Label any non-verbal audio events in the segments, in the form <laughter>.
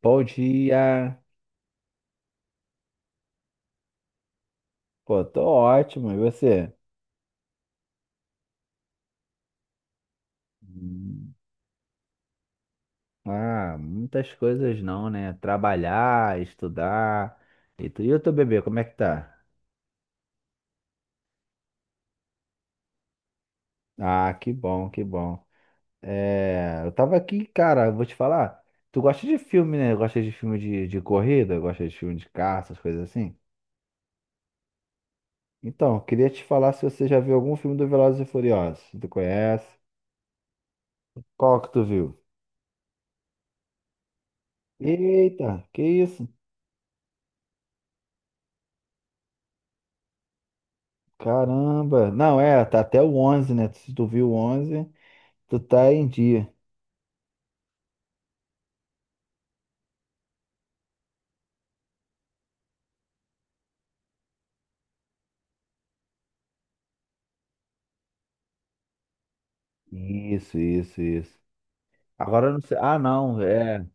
Bom dia. Pô, tô ótimo. E você? Hum, Ah, muitas coisas não, né? Trabalhar, estudar. E o teu bebê, como é que tá? Ah, que bom, que bom. É, eu tava aqui, cara, eu vou te falar. Tu gosta de filme, né? Gosta de filme de corrida? Gosta de filme de caça, essas coisas assim? Então, eu queria te falar se você já viu algum filme do Velozes e Furiosos. Tu conhece? Qual que tu viu? Eita, que isso? Caramba. Não, é, tá até o 11, né? Se tu viu o 11, tu tá em dia. Isso, isso, isso. Agora eu não sei. Ah, não, é.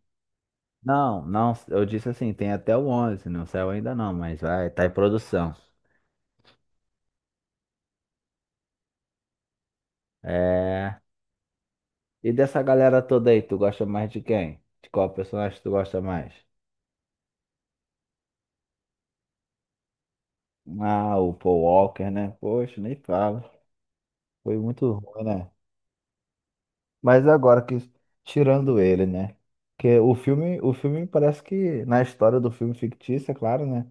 Não, não, eu disse assim, tem até o 11, não saiu ainda não, mas vai, tá em produção. É. E dessa galera toda aí, tu gosta mais de quem? De qual personagem tu gosta mais? Ah, o Paul Walker, né? Poxa, nem fala. Foi muito ruim, né? Mas agora que tirando ele, né? Porque o filme parece que na história do filme fictício, é claro, né?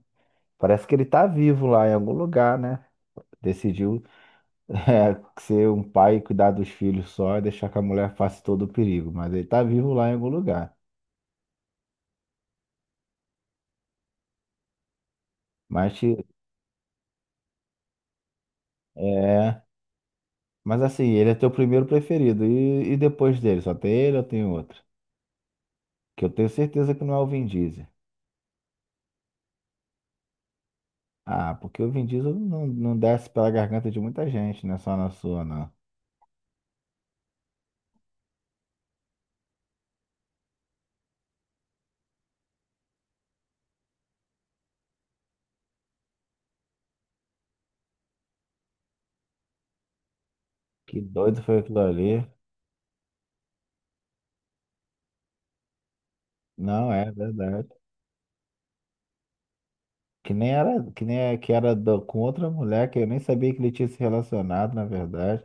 Parece que ele tá vivo lá em algum lugar, né? Decidiu <laughs> é, ser um pai e cuidar dos filhos só e deixar que a mulher faça todo o perigo, mas ele tá vivo lá em algum lugar. Mas te- é, mas assim, ele é teu primeiro preferido e depois dele, só tem ele ou tem outro? Que eu tenho certeza que não é o Vin Diesel. Ah, porque o Vin Diesel não desce pela garganta de muita gente, não é só na sua, não. Que doido foi aquilo ali. Não, é verdade. Que nem era, que nem é, que era com outra mulher que eu nem sabia que ele tinha se relacionado, na verdade.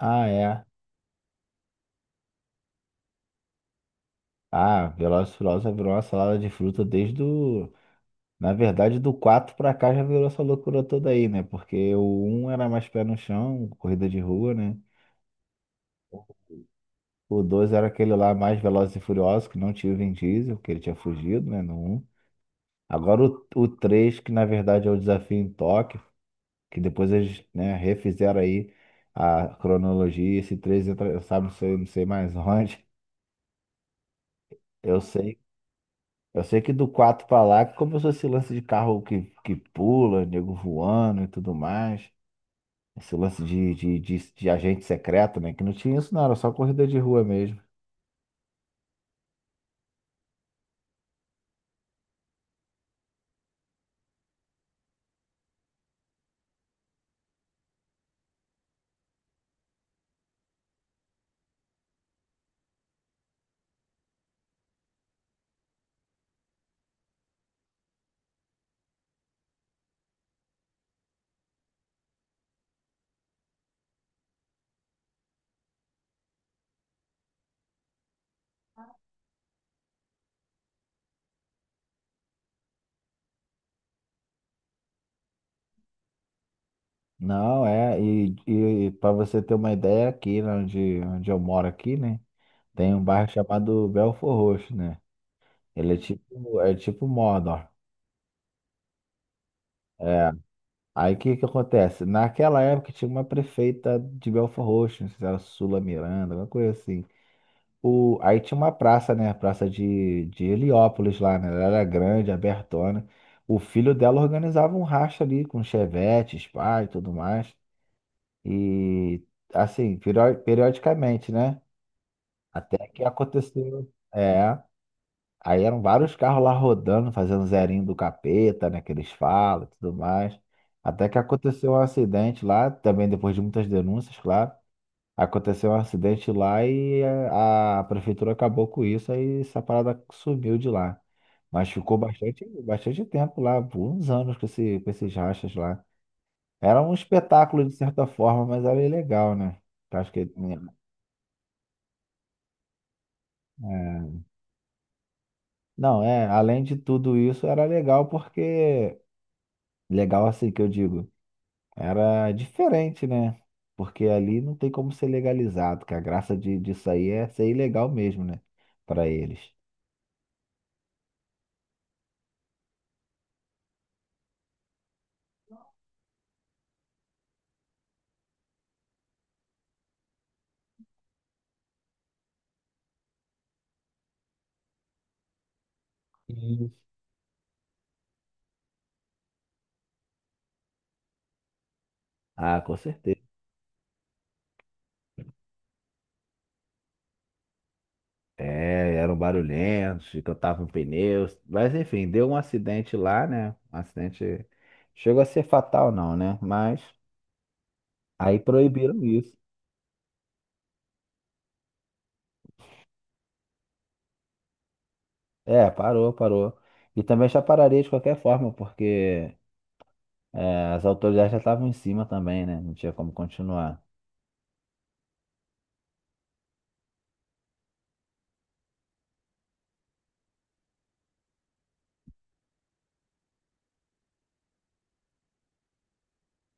Ah, é. Ah, Velozes e Furiosos virou uma salada de fruta desde o. Na verdade, do 4 pra cá já virou essa loucura toda aí, né? Porque o um era mais pé no chão, corrida de rua, né? O 2 era aquele lá mais Velozes e Furiosos, que não tinha o Vin Diesel, porque ele tinha fugido, né? No um. Agora o 3 que na verdade é o desafio em Tóquio. Que depois eles, né, refizeram aí a cronologia, esse 3 entra, sabe, não sei, não sei mais <laughs> onde. Eu sei, eu sei que do 4 pra lá que começou esse lance de carro que pula, nego voando e tudo mais. Esse lance de agente secreto, né? Que não tinha isso, não, era só corrida de rua mesmo. Não, é, e para você ter uma ideia, aqui né, onde eu moro aqui, né? Tem um bairro chamado Belfort Roxo, né? Ele é tipo Mordor. é, Aí o que que acontece? Naquela época tinha uma prefeita de Belfort Roxo, não sei se era Sula Miranda, alguma coisa assim. Aí tinha uma praça, né? A praça de Heliópolis lá, né? Ela era grande, abertona. O filho dela organizava um racha ali com chevette, spa e tudo mais. E assim, periodicamente, né? Até que aconteceu. É. Aí eram vários carros lá rodando, fazendo zerinho do capeta, né? Que eles falam e tudo mais. Até que aconteceu um acidente lá, também depois de muitas denúncias, claro. Aconteceu um acidente lá e a prefeitura acabou com isso, aí essa parada sumiu de lá. Mas ficou bastante, bastante tempo lá, por uns anos com esses rachas lá. Era um espetáculo de certa forma, mas era ilegal, né? Eu acho que eh, não, é, além de tudo isso, era legal porque. Legal assim que eu digo. Era diferente, né? Porque ali não tem como ser legalizado, que a graça disso aí é ser ilegal mesmo, né? Para eles. Sim. Ah, com certeza. É, eram barulhentos, que em pneus. Mas enfim, deu um acidente lá, né? Um acidente. Chegou a ser fatal, não, né? Mas aí proibiram isso. É, parou, parou. E também já pararia de qualquer forma, porque as autoridades já estavam em cima também, né? Não tinha como continuar.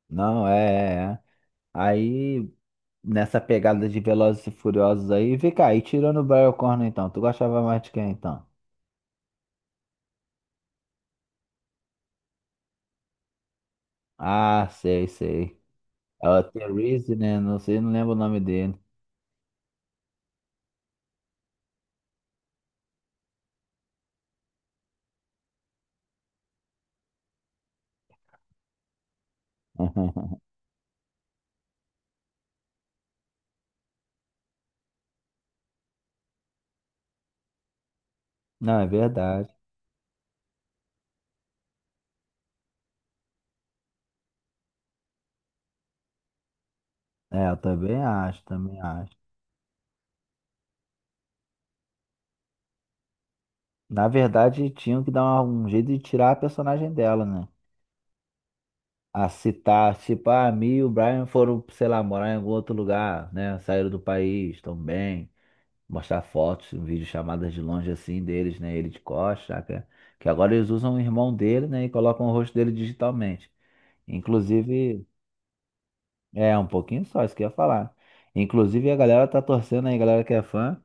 Não, é, é, é. Aí. Nessa pegada de Velozes e Furiosos aí. Vem cá, e tirando o Brian O'Connor então, tu gostava mais de quem então? Ah, sei, sei. É o Therese, né? Não sei, não lembro o nome dele. <laughs> Não, é verdade. É, eu também acho, também acho. Na verdade, tinham que dar um jeito de tirar a personagem dela, né? A citar, tipo, a Mi e o Brian foram, sei lá, morar em algum outro lugar, né? Saíram do país, estão bem. Mostrar fotos, um vídeo chamadas de longe assim deles, né? Ele de costas, saca? Que agora eles usam o irmão dele, né? E colocam o rosto dele digitalmente. Inclusive, é um pouquinho só, isso que eu ia falar. Inclusive, a galera tá torcendo aí, a galera que é fã,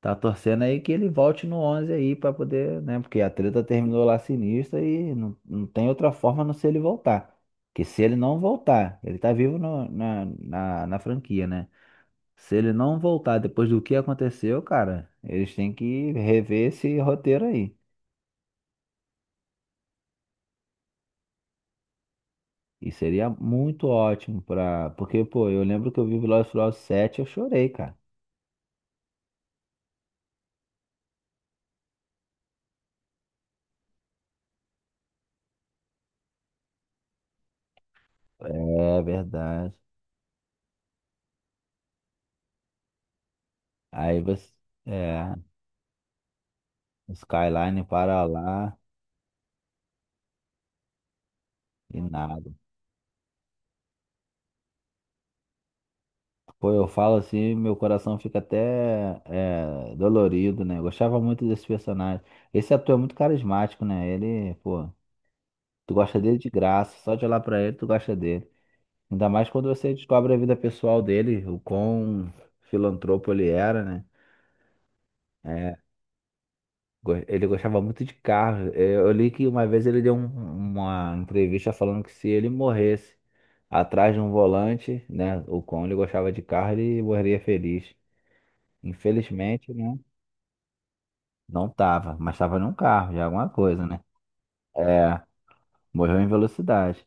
tá torcendo aí que ele volte no 11 aí pra poder, né? Porque a treta terminou lá sinistra e não tem outra forma a não ser ele voltar. Que se ele não voltar, ele tá vivo na franquia, né? Se ele não voltar depois do que aconteceu, cara, eles têm que rever esse roteiro aí. E seria muito ótimo pra. Porque, pô, eu lembro que eu vi Velozes e Furiosos 7, eu chorei, cara. É verdade. Aí você. É, Skyline para lá e nada. Pô, eu falo assim, meu coração fica até dolorido, né? Eu gostava muito desse personagem. Esse ator é muito carismático, né? Ele, pô, tu gosta dele de graça, só de olhar pra ele, tu gosta dele. Ainda mais quando você descobre a vida pessoal dele, o quão filantropo ele era, né? É, ele gostava muito de carro. É, eu li que uma vez ele deu uma entrevista falando que se ele morresse atrás de um volante, né? O quão ele gostava de carro, ele morreria feliz. Infelizmente, né? Não tava, mas tava num carro, já é alguma coisa, né? É, morreu em velocidade.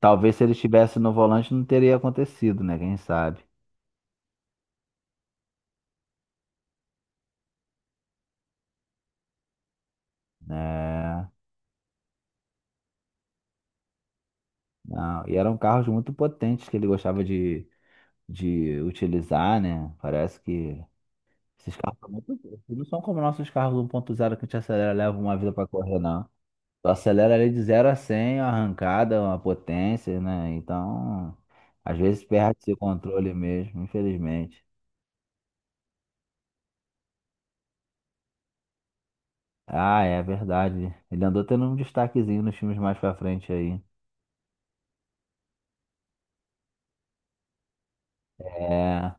Talvez se ele estivesse no volante não teria acontecido, né? Quem sabe, né? Não, e eram carros muito potentes que ele gostava de utilizar, né? Parece que esses carros são muito, eles não são como nossos carros 1.0 que a gente acelera, leva uma vida para correr, não. Tu acelera ali de 0 a 100 uma arrancada, uma potência, né? Então, às vezes perde esse controle mesmo, infelizmente. Ah, é verdade. Ele andou tendo um destaquezinho nos filmes mais pra frente aí. É,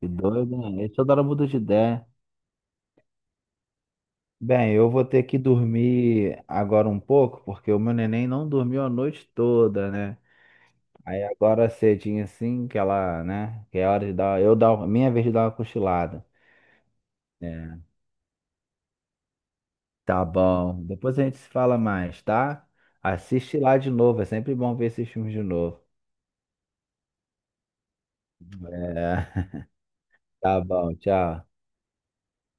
que doido, né? Ele toda hora muda de ideia. Bem, eu vou ter que dormir agora um pouco, porque o meu neném não dormiu a noite toda, né? Aí agora cedinho assim, que ela, né? Que é hora de dar, eu dar, minha vez de dar uma cochilada. É, tá bom. Depois a gente se fala mais, tá? Assiste lá de novo, é sempre bom ver esses filmes de novo. É, tá bom, tchau.